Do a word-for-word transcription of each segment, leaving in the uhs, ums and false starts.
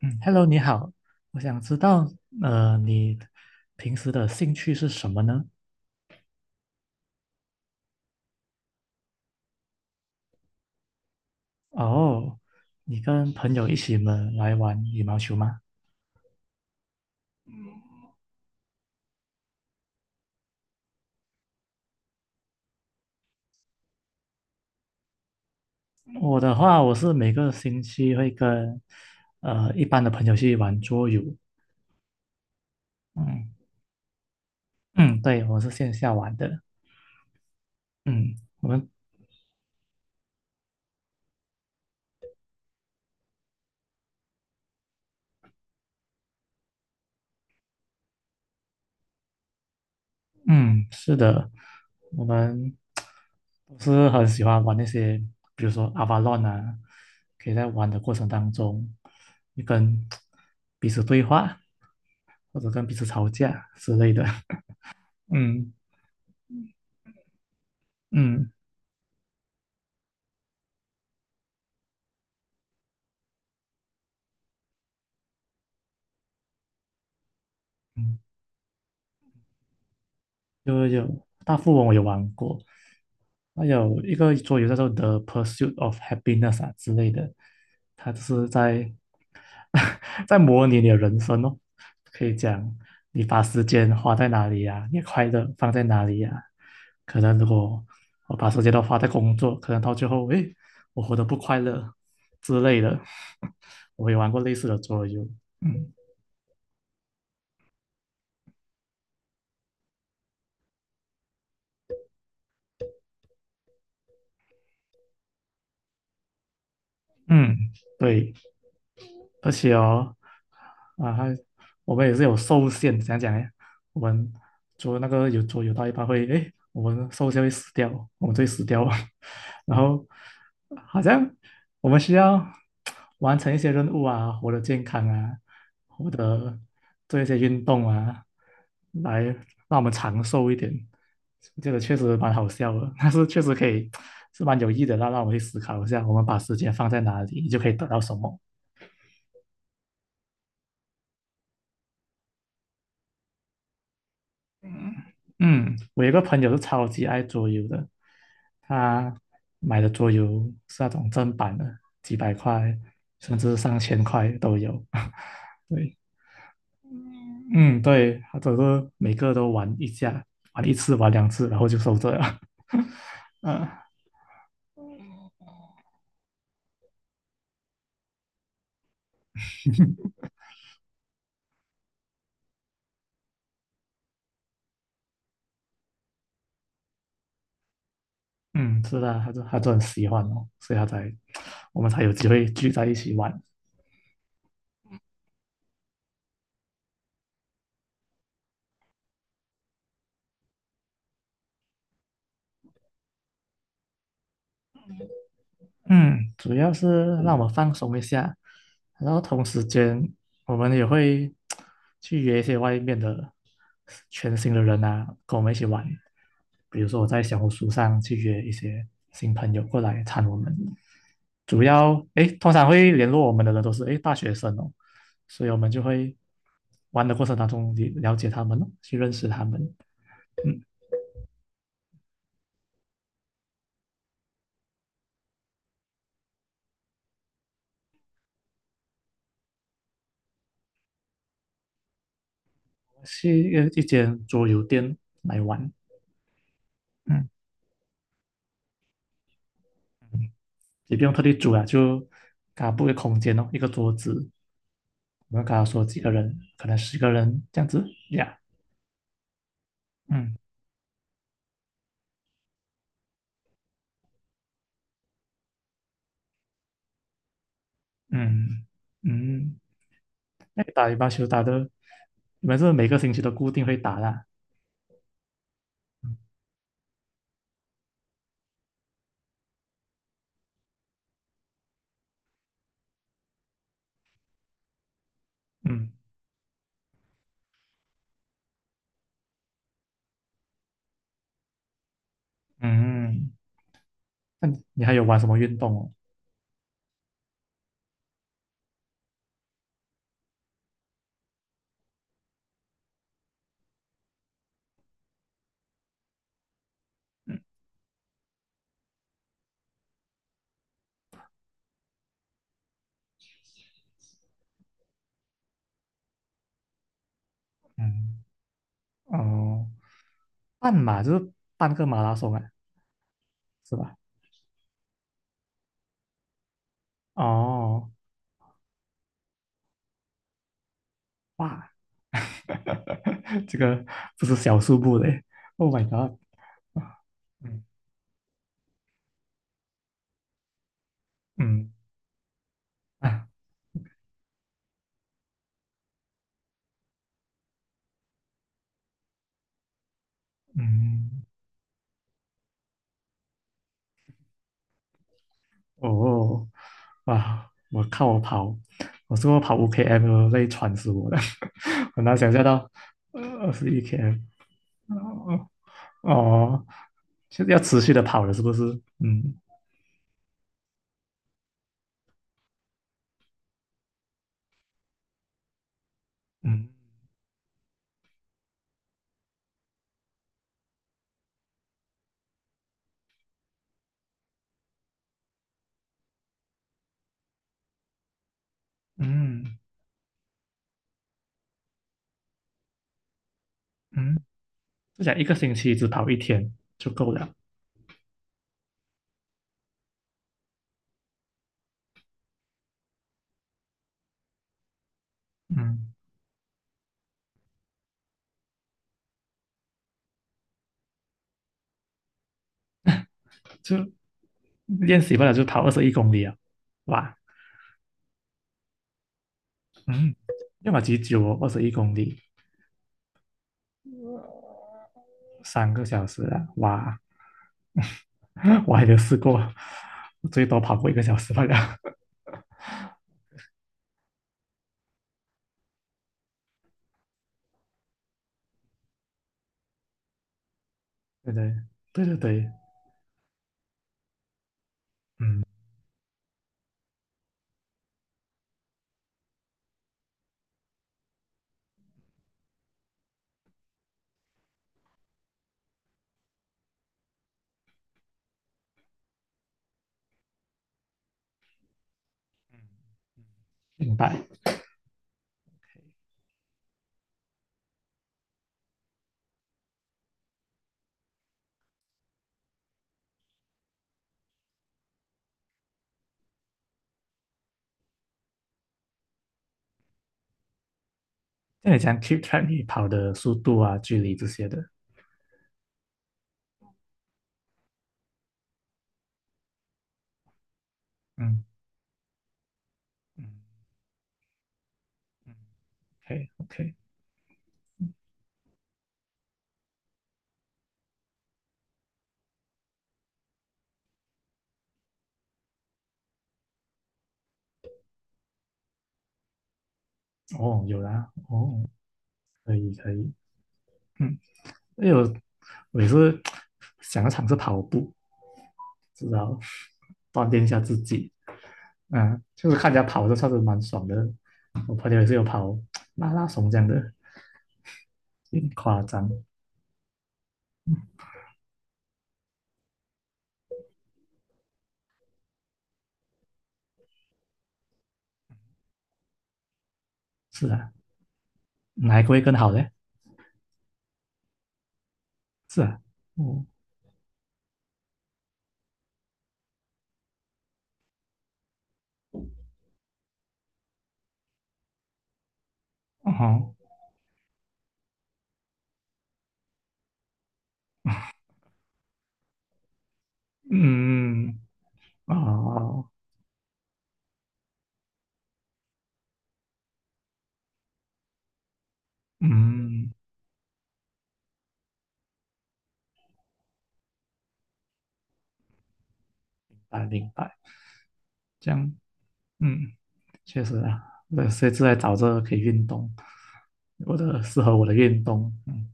嗯，Hello，你好，我想知道，呃，你平时的兴趣是什么呢？哦，你跟朋友一起们来玩羽毛球吗？我的话，我是每个星期会跟呃一般的朋友去玩桌游，嗯嗯，对，我是线下玩的，嗯，我们嗯，是的，我们都是很喜欢玩那些，比如说 Avalon 啊，可以在玩的过程当中，你跟彼此对话，或者跟彼此吵架之类的。嗯嗯嗯。有有大富翁我有玩过，还有一个桌游叫做《The Pursuit of Happiness》啊之类的，它就是在 在模拟你的人生哦，可以讲你把时间花在哪里呀、你的快乐放在哪里呀、可能如果我把时间都花在工作，可能到最后，诶，我活得不快乐之类的。我也玩过类似的桌游，嗯嗯，对。而且哦，啊，还我们也是有受限，怎样讲呢？我们做那个有做有到一半会，哎，我们受限会死掉，我们就会死掉啊。然后好像我们需要 完成一些任务啊，活得健康啊，活得做一些运动啊，来让我们长寿一点。这个确实蛮好笑的，但是确实可以 是蛮有益的，让让我们去思考一下，我们把时间放在哪里，你就可以得到什么。嗯，我有一个朋友是超级爱桌游的，他买的桌游是那种正版的，几百块甚至上千块都有。对，嗯，对，他都是每个都玩一下，玩一次，玩两次，然后就收着了。嗯嗯，是的，他就他就很喜欢哦，所以他才 我们才有机会聚在一起玩。嗯，主要是让我放松一下，然后同时间我们也会 去约一些外面的全新的人啊，跟我们一起玩。比如说我在小红书上去约一些新朋友过来参我们，主要诶，通常会联络我们的人都是诶大学生哦，所以我们就会玩的过程当中了了解他们哦，去认识他们，嗯，去一一间桌游店来玩，嗯。也不用特地煮啊，就给他布一个空间哦，一个桌子，我们跟他说几个人，可能十个人这样子呀。嗯嗯嗯，那你打羽毛球打的，你们是每个星期都固定会打啦？嗯嗯，那你你还有玩什么运动哦？嗯嗯哦，半马就是半个马拉松啊，是吧？哦，哇，这个不是小数目嘞！Oh my god！嗯嗯啊嗯。哦，哇！我看我跑，我是我跑五 km 累喘死我了，很难想象到呃二十一 km，哦哦，就是要持续的跑了，是不是？嗯嗯嗯嗯，就想一个星期只跑一天就够了，嗯，就练习不了就跑二十一公里啊，哇，嗯，要么几久哦，二十一公里，三个小时啊，哇，我还没有试过，最多跑过一个小时罢了。对对对对对，嗯，嗯嗯明白。那你讲 keep track 你跑的速度啊、距离这些的，嗯嗯嗯，OK OK，哦，有啦，哦，可以可以，嗯，哎呦，我我也是 想要尝试跑步，知道锻炼一下自己，嗯，就是看人家跑，的算是蛮爽的。我朋友也是有跑 马拉松这样的，有点夸张，是啊，哪一个会更好呢？是啊，哦，哦吼。嗯，嗯哦，嗯，啊，明白，这样，嗯，确实啊，对，所以就在找这个可以运动，我的适合我的运动，嗯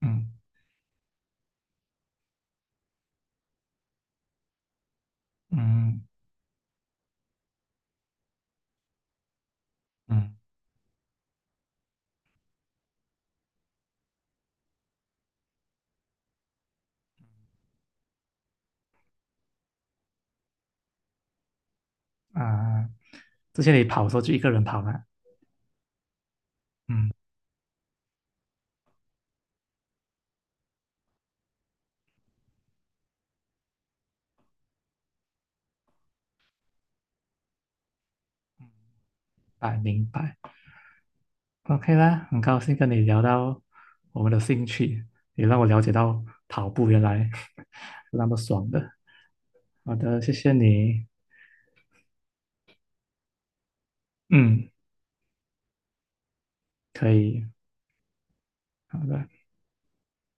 嗯嗯嗯，啊，之前你跑的时候就一个人跑嘛，嗯，啊，明白，OK 啦，很高兴跟你聊到我们的兴趣，也让我了解到跑步原来 是那么爽的，好的，谢谢你，嗯，可以，好的。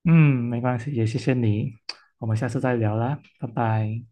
嗯，没关系，也谢谢你，我们下次再聊啦，拜拜。